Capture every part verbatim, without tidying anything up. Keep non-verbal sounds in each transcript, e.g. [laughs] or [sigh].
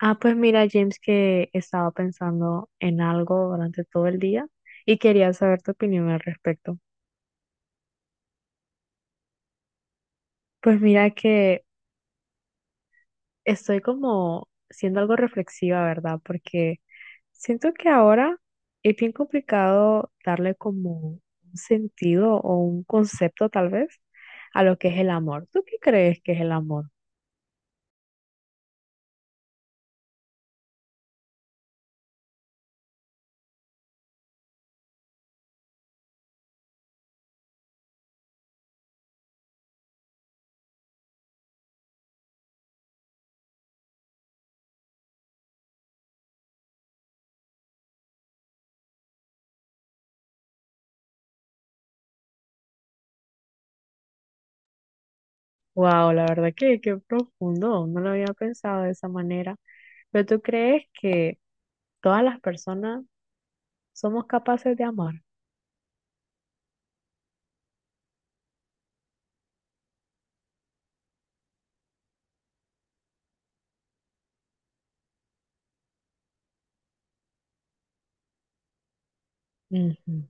Ah, pues mira, James, que estaba pensando en algo durante todo el día y quería saber tu opinión al respecto. Pues mira que estoy como siendo algo reflexiva, ¿verdad? Porque siento que ahora es bien complicado darle como un sentido o un concepto tal vez a lo que es el amor. ¿Tú qué crees que es el amor? Wow, la verdad que qué profundo, no lo había pensado de esa manera. Pero ¿tú crees que todas las personas somos capaces de amar? Ujú.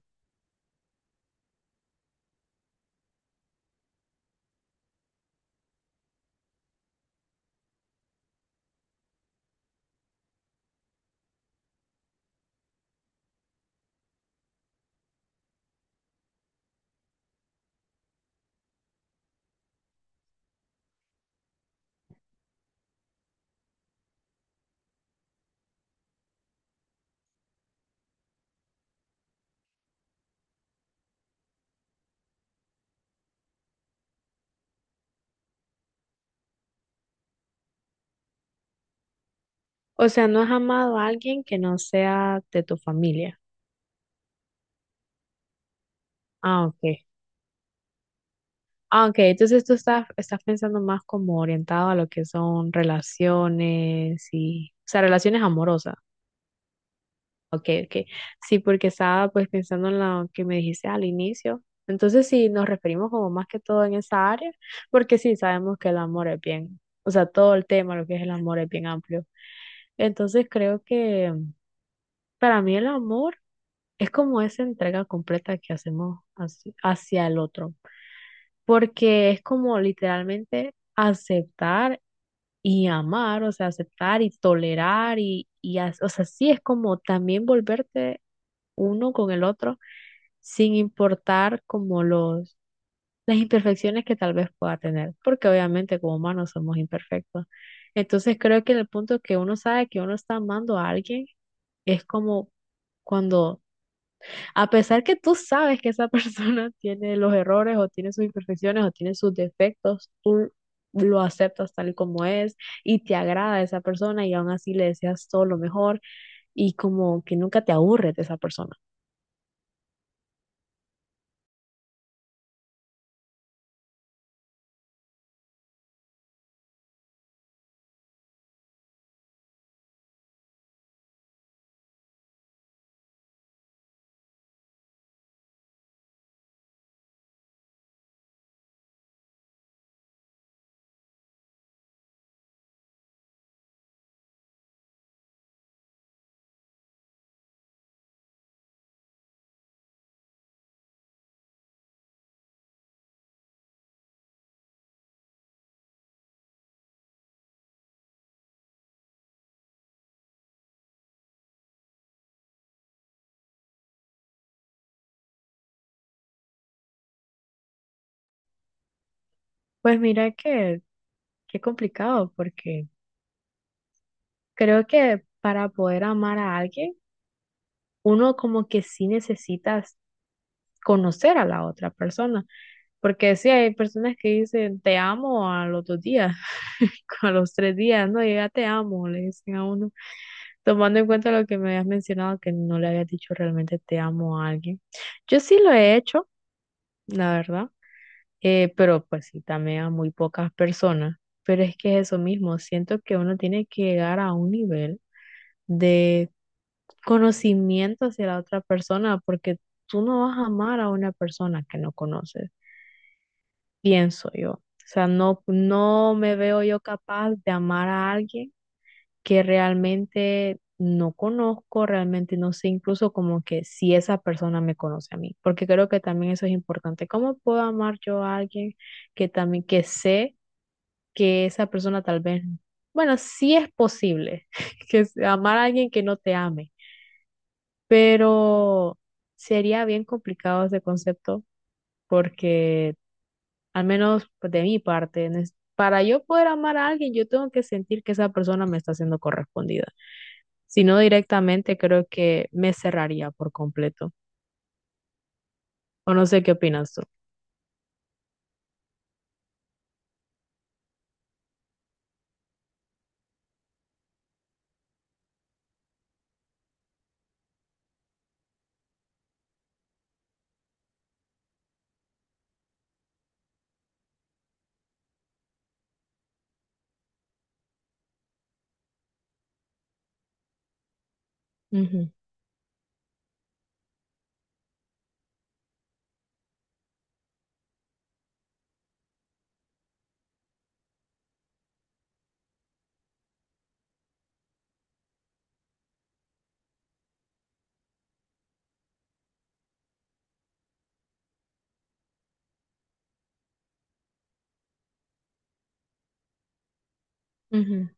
O sea, ¿no has amado a alguien que no sea de tu familia? Ah, ok. Ah, ok. Entonces tú estás, estás pensando más como orientado a lo que son relaciones y, o sea, relaciones amorosas. Ok, ok. Sí, porque estaba pues pensando en lo que me dijiste al inicio. Entonces, sí, nos referimos como más que todo en esa área, porque sí sabemos que el amor es bien, o sea, todo el tema, lo que es el amor es bien amplio. Entonces, creo que mm, para mí el amor es como esa entrega completa que hacemos hacia, hacia el otro, porque es como literalmente aceptar y amar, o sea, aceptar y tolerar y, y, as- o sea, sí es como también volverte uno con el otro, sin importar como los, las imperfecciones que tal vez pueda tener, porque obviamente como humanos somos imperfectos. Entonces creo que en el punto que uno sabe que uno está amando a alguien, es como cuando, a pesar que tú sabes que esa persona [laughs] tiene los errores o tiene sus imperfecciones o tiene sus defectos, tú lo aceptas tal y como es y te agrada esa persona y aún así le deseas todo lo mejor y como que nunca te aburres de esa persona. Pues mira que qué complicado, porque creo que para poder amar a alguien, uno como que sí necesitas conocer a la otra persona, porque sí hay personas que dicen te amo a los dos días, [laughs] a los tres días, no, yo ya te amo, le dicen a uno, tomando en cuenta lo que me habías mencionado, que no le habías dicho realmente te amo a alguien. Yo sí lo he hecho, la verdad, eh, pero pues sí, también a muy pocas personas, pero es que es eso mismo, siento que uno tiene que llegar a un nivel de conocimiento hacia la otra persona, porque tú no vas a amar a una persona que no conoces, pienso yo. O sea, no, no me veo yo capaz de amar a alguien que realmente no conozco, realmente no sé incluso como que si esa persona me conoce a mí, porque creo que también eso es importante. ¿Cómo puedo amar yo a alguien que también, que sé que esa persona tal vez, bueno, sí es posible [laughs] que amar a alguien que no te ame? Pero sería bien complicado ese concepto porque, al menos pues, de mi parte, nes- para yo poder amar a alguien, yo tengo que sentir que esa persona me está siendo correspondida. Si no directamente, creo que me cerraría por completo. O no sé qué opinas tú. Ujú, ujú.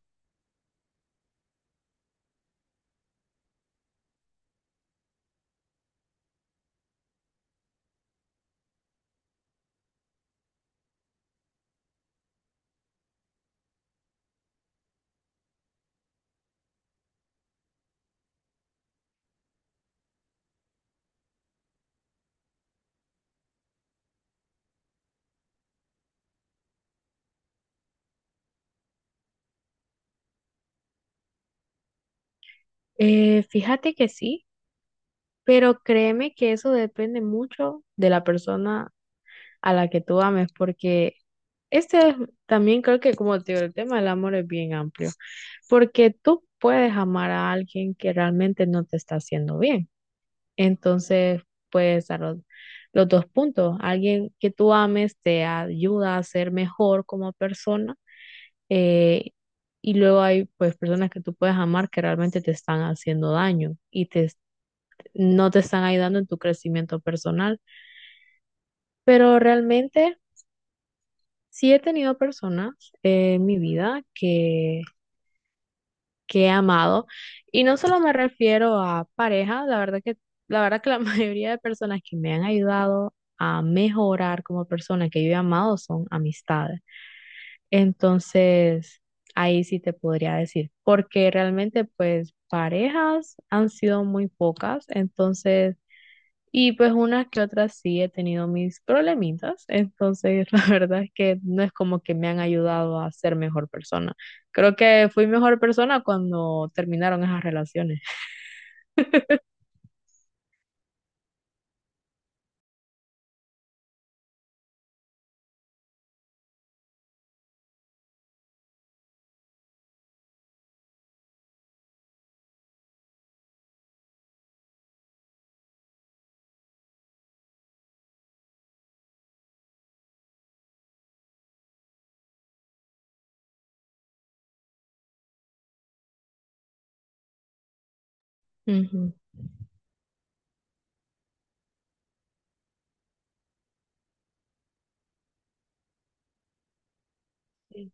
Eh, fíjate que sí, pero créeme que eso depende mucho de la persona a la que tú ames, porque Este es también creo que como te digo, el tema del amor es bien amplio, porque tú puedes amar a alguien que realmente no te está haciendo bien. Entonces, puedes dar los, los dos puntos. Alguien que tú ames te ayuda a ser mejor como persona, eh, y luego hay pues personas que tú puedes amar que realmente te están haciendo daño y te, est- no te están ayudando en tu crecimiento personal. Pero realmente sí he tenido personas eh, en mi vida que que he amado. Y no solo me refiero a pareja, la verdad que, la verdad que la [laughs] mayoría de personas que me han ayudado a mejorar como persona que yo he amado son amistades. Entonces, ahí sí te podría decir, porque realmente pues parejas han sido muy pocas, entonces... Y pues unas que otras sí he tenido mis problemitas, entonces [laughs] la verdad es que no es como que me han ayudado a ser mejor persona. Creo que fui mejor persona cuando terminaron esas relaciones. Ujú. Sí.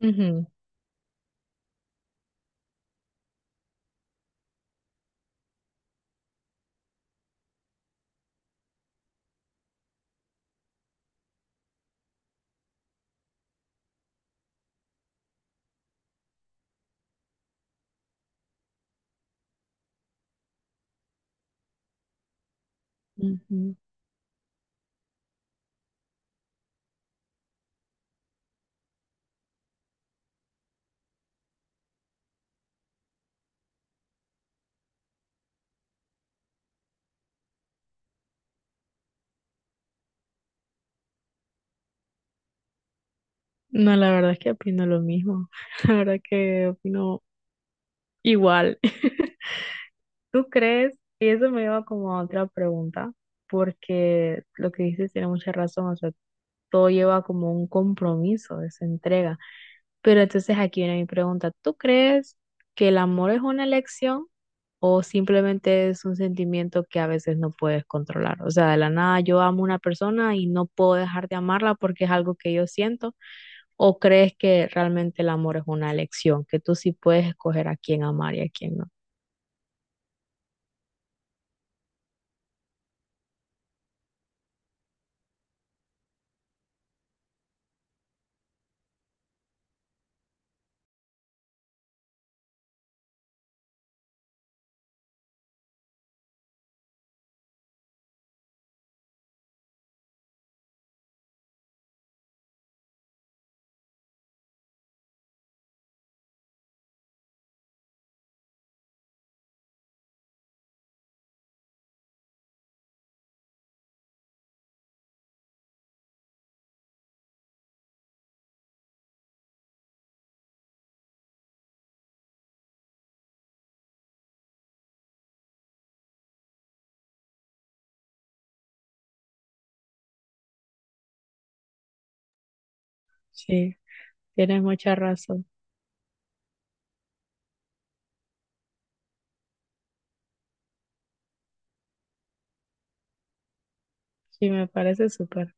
Ujú, ujú. No, la verdad es que opino lo mismo. [laughs] La verdad que opino igual. [laughs] ¿Tú crees? Y eso me lleva como a otra pregunta, porque lo que dices tiene mucha razón, o sea, todo lleva como un compromiso, esa entrega. Pero entonces aquí viene mi pregunta, ¿tú crees que el amor es una elección o simplemente es un sentimiento que a veces no puedes controlar? O sea, de la nada yo amo a una persona y no puedo dejar de amarla porque es algo que yo siento, ¿o crees que realmente el amor es una elección, que tú sí puedes escoger a quién amar y a quién no? Sí, tienes mucha razón. Sí, me parece súper.